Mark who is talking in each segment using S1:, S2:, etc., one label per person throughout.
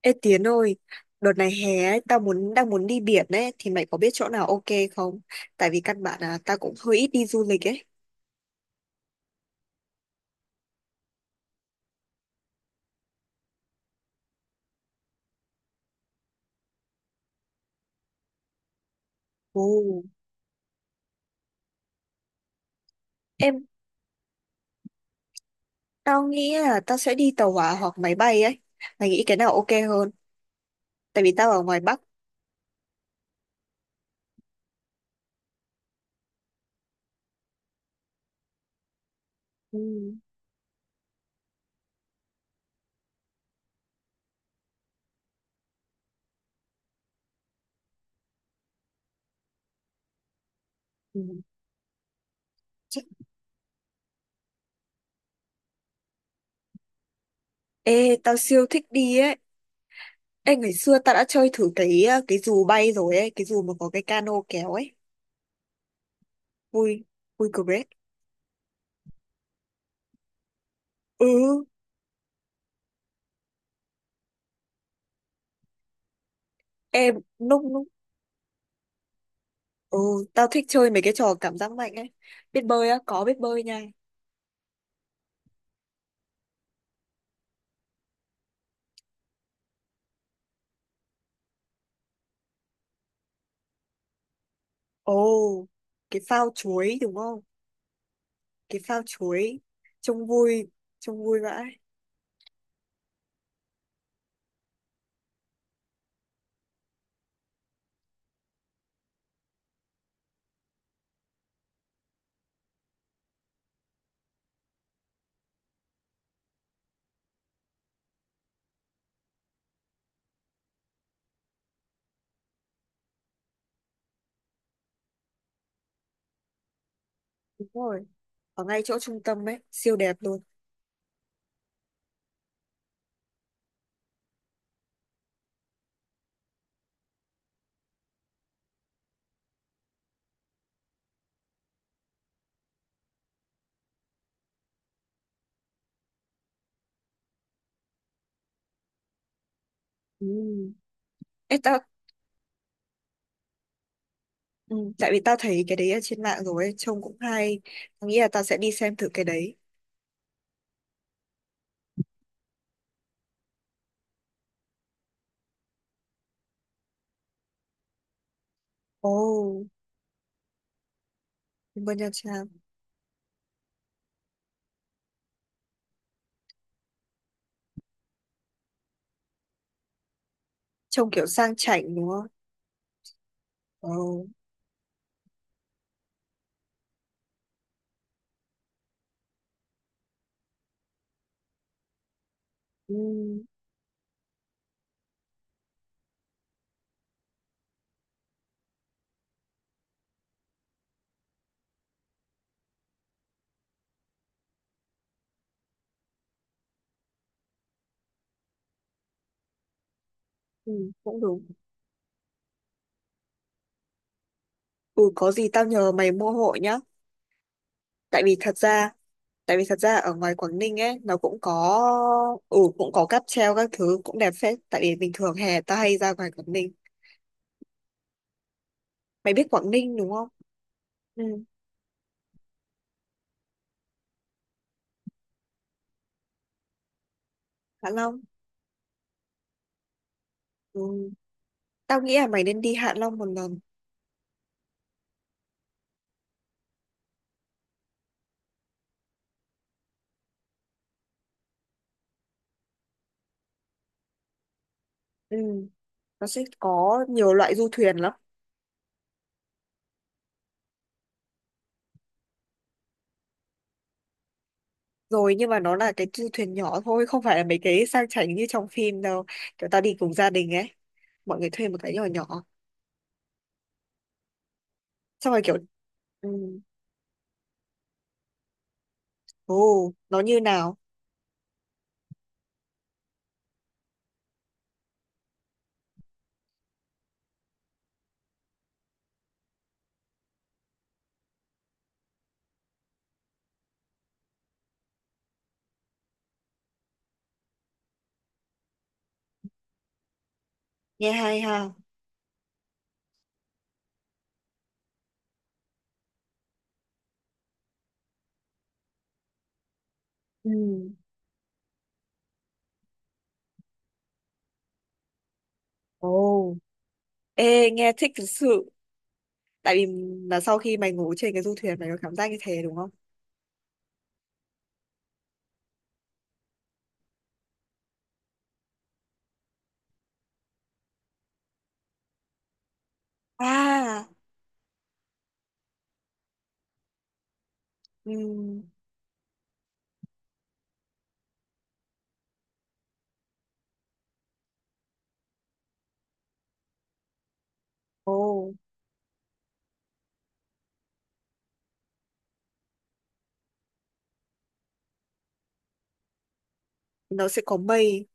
S1: Ê Tiến ơi, đợt này hè ấy, tao đang muốn đi biển ấy thì mày có biết chỗ nào ok không? Tại vì căn bản là tao cũng hơi ít đi du lịch ấy. Ồ. Em Tao nghĩ là tao sẽ đi tàu hỏa hoặc máy bay ấy. Mày nghĩ cái nào ok hơn? Tại vì tao ở ngoài Bắc. Ừ. Ừ. Chắc- Ê, tao siêu thích đi ấy. Ê, ngày xưa tao đã chơi thử cái cái dù bay rồi ấy, cái dù mà có cái cano kéo ấy. Vui, vui cực ấy. Ừ, em lúc Ồ, tao thích chơi mấy cái trò cảm giác mạnh ấy. Biết bơi á, có biết bơi nha. Ồ, cái phao chuối đúng không? Cái phao chuối trông vui, trông vui vãi. Đúng rồi. Ở ngay chỗ trung tâm ấy, siêu đẹp luôn. Ừ. Ê, tao, ừ, tại vì tao thấy cái đấy ở trên mạng rồi ấy, trông cũng hay. Tao nghĩ là tao sẽ đi xem thử cái đấy. Ồ, bên Nha Trang. Trông kiểu sang chảnh đúng không? Ồ, ừ, ừ, cũng đúng. Ừ, có gì tao nhờ mày mua hộ nhá. Tại vì thật ra tại vì thật ra ở ngoài Quảng Ninh ấy nó cũng có, ừ, cũng có cáp treo các thứ cũng đẹp phết. Tại vì bình thường hè tao hay ra ngoài Quảng Ninh. Mày biết Quảng Ninh đúng không? Ừ, Hạ Long. Ừ, tao nghĩ là mày nên đi Hạ Long một lần. Ừ, nó sẽ có nhiều loại du thuyền lắm. Rồi, nhưng mà nó là cái du thuyền nhỏ thôi, không phải là mấy cái sang chảnh như trong phim đâu, kiểu tao đi cùng gia đình ấy, mọi người thuê một cái nhỏ nhỏ. Xong rồi kiểu, ừ, ồ nó như nào. Nghe hay ha. Ừ. Ồ. Ê, nghe thích thực sự. Tại vì là sau khi mày ngủ trên cái du thuyền mày có cảm giác như thế đúng không? À, ừ. Ồ, nó sẽ có mây.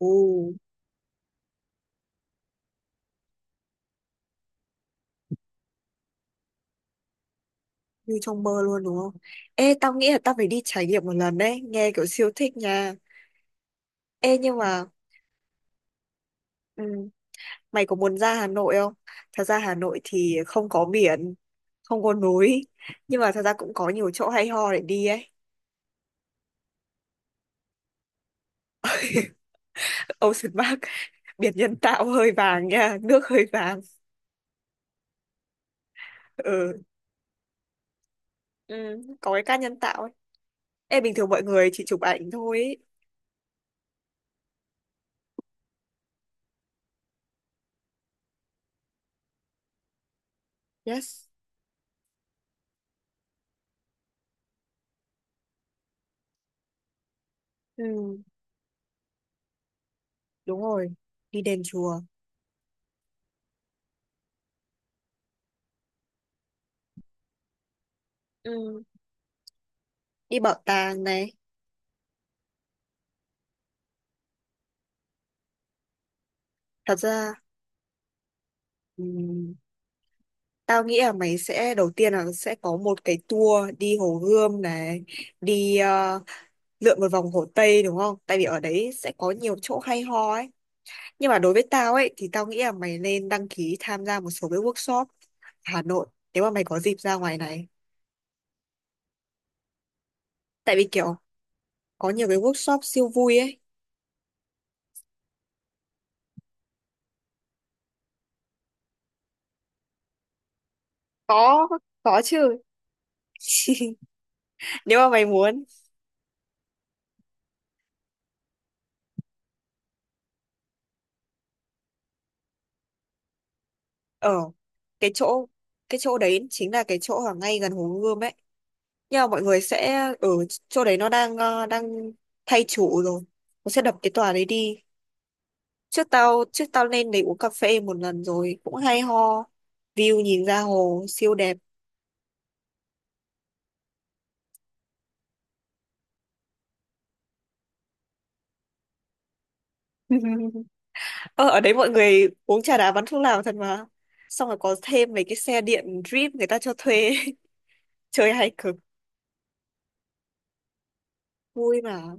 S1: Ồ, như trong mơ luôn đúng không. Ê, tao nghĩ là tao phải đi trải nghiệm một lần đấy, nghe kiểu siêu thích nha. Ê, nhưng mà ừ, mày có muốn ra Hà Nội không? Thật ra Hà Nội thì không có biển, không có núi, nhưng mà thật ra cũng có nhiều chỗ hay ho để đi ấy. Ocean Park. Biển nhân tạo hơi vàng nha, nước hơi vàng. Ừ, ừ có cái cát nhân tạo. Ê, bình thường mọi người chỉ chụp ảnh thôi ý. Yes, ừ, đúng rồi. Đi đền chùa, ừ. Đi bảo tàng này. Thật ra, ừ, tao nghĩ là mày sẽ đầu tiên là sẽ có một cái tour đi Hồ Gươm này, đi lượn một vòng Hồ Tây đúng không? Tại vì ở đấy sẽ có nhiều chỗ hay ho ấy. Nhưng mà đối với tao ấy thì tao nghĩ là mày nên đăng ký tham gia một số cái workshop Hà Nội nếu mà mày có dịp ra ngoài này. Tại vì kiểu có nhiều cái workshop siêu vui ấy. Có, có chứ. Nếu mà mày muốn ở cái chỗ cái chỗ đấy, chính là cái chỗ ở ngay gần Hồ Gươm ấy, nhưng mà mọi người sẽ ở chỗ đấy. Nó đang đang thay chủ rồi, nó sẽ đập cái tòa đấy đi. Trước tao lên đấy uống cà phê một lần rồi cũng hay ho, view nhìn ra hồ siêu đẹp. Ờ, ở đấy mọi người uống trà đá bắn thuốc lào thật mà, xong rồi có thêm mấy cái xe điện drip người ta cho thuê. Chơi hay cực. Vui mà.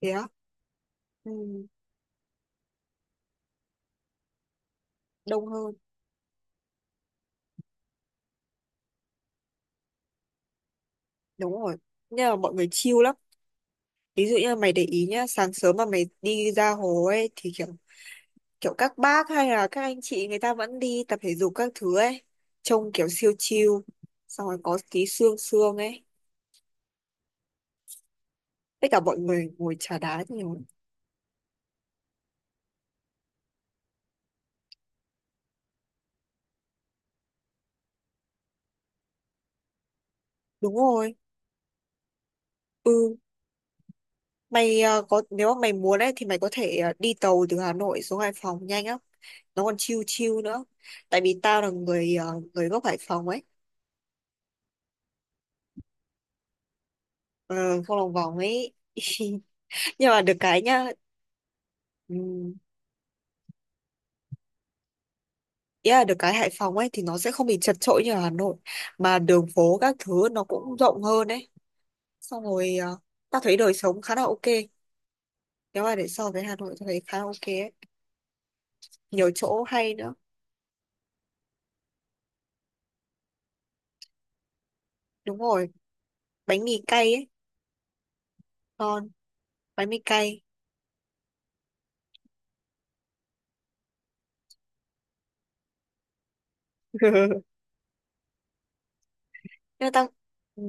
S1: Thế á. Ừ, đông hơn. Đúng rồi. Nhưng mà mọi người chill lắm. Ví dụ như mày để ý nhá, sáng sớm mà mày đi ra hồ ấy thì kiểu, kiểu các bác hay là các anh chị người ta vẫn đi tập thể dục các thứ ấy, trông kiểu siêu chill. Xong rồi có tí sương sương ấy. Tất cả mọi người ngồi trà đá nhiều. Đúng rồi. Ừ, mày có nếu mà mày muốn ấy thì mày có thể đi tàu từ Hà Nội xuống Hải Phòng nhanh lắm. Nó còn chill chill nữa. Tại vì tao là người người gốc Hải Phòng ấy. Ờ, không lòng vòng ấy. Nhưng mà được cái nhá. Ừ, ý là được cái Hải Phòng ấy thì nó sẽ không bị chật chội như ở Hà Nội, mà đường phố các thứ nó cũng rộng hơn ấy, xong rồi ta thấy đời sống khá là ok, nếu mà để so với Hà Nội tôi thấy khá là ok ấy. Nhiều chỗ hay nữa. Đúng rồi, bánh mì cay ấy. Ngon, bánh mì cay. Nhưng mà tao, ừ,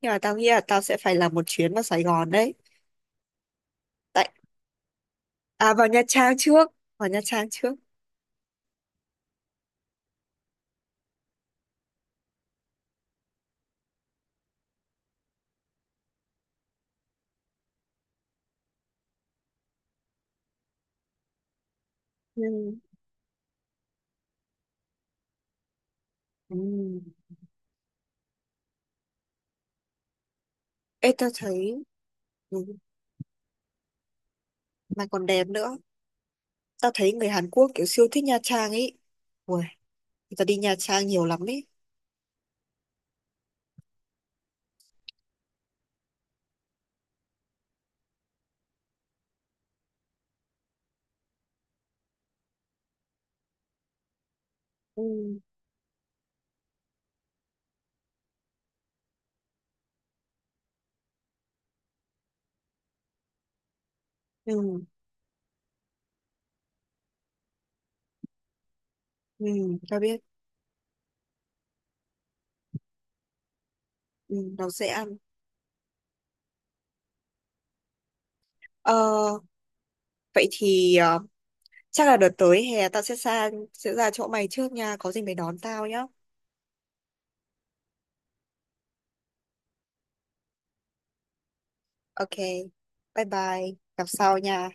S1: nhưng mà tao nghĩ là tao sẽ phải làm một chuyến vào Sài Gòn đấy. Tại à vào Nha Trang trước, vào Nha Trang trước. Ừ. Ừ. Ê tao thấy ừ, mà còn đẹp nữa. Tao thấy người Hàn Quốc kiểu siêu thích Nha Trang ấy. Ui, người ta đi Nha Trang nhiều lắm ấy. Ừ. Ừ. Ừ, tao biết. Ừ, nó dễ ăn. Ờ, vậy thì ờ, chắc là đợt tới hè tao sẽ sang sẽ ra chỗ mày trước nha, có gì mày đón tao nhá. Ok. Bye bye, gặp sau nha.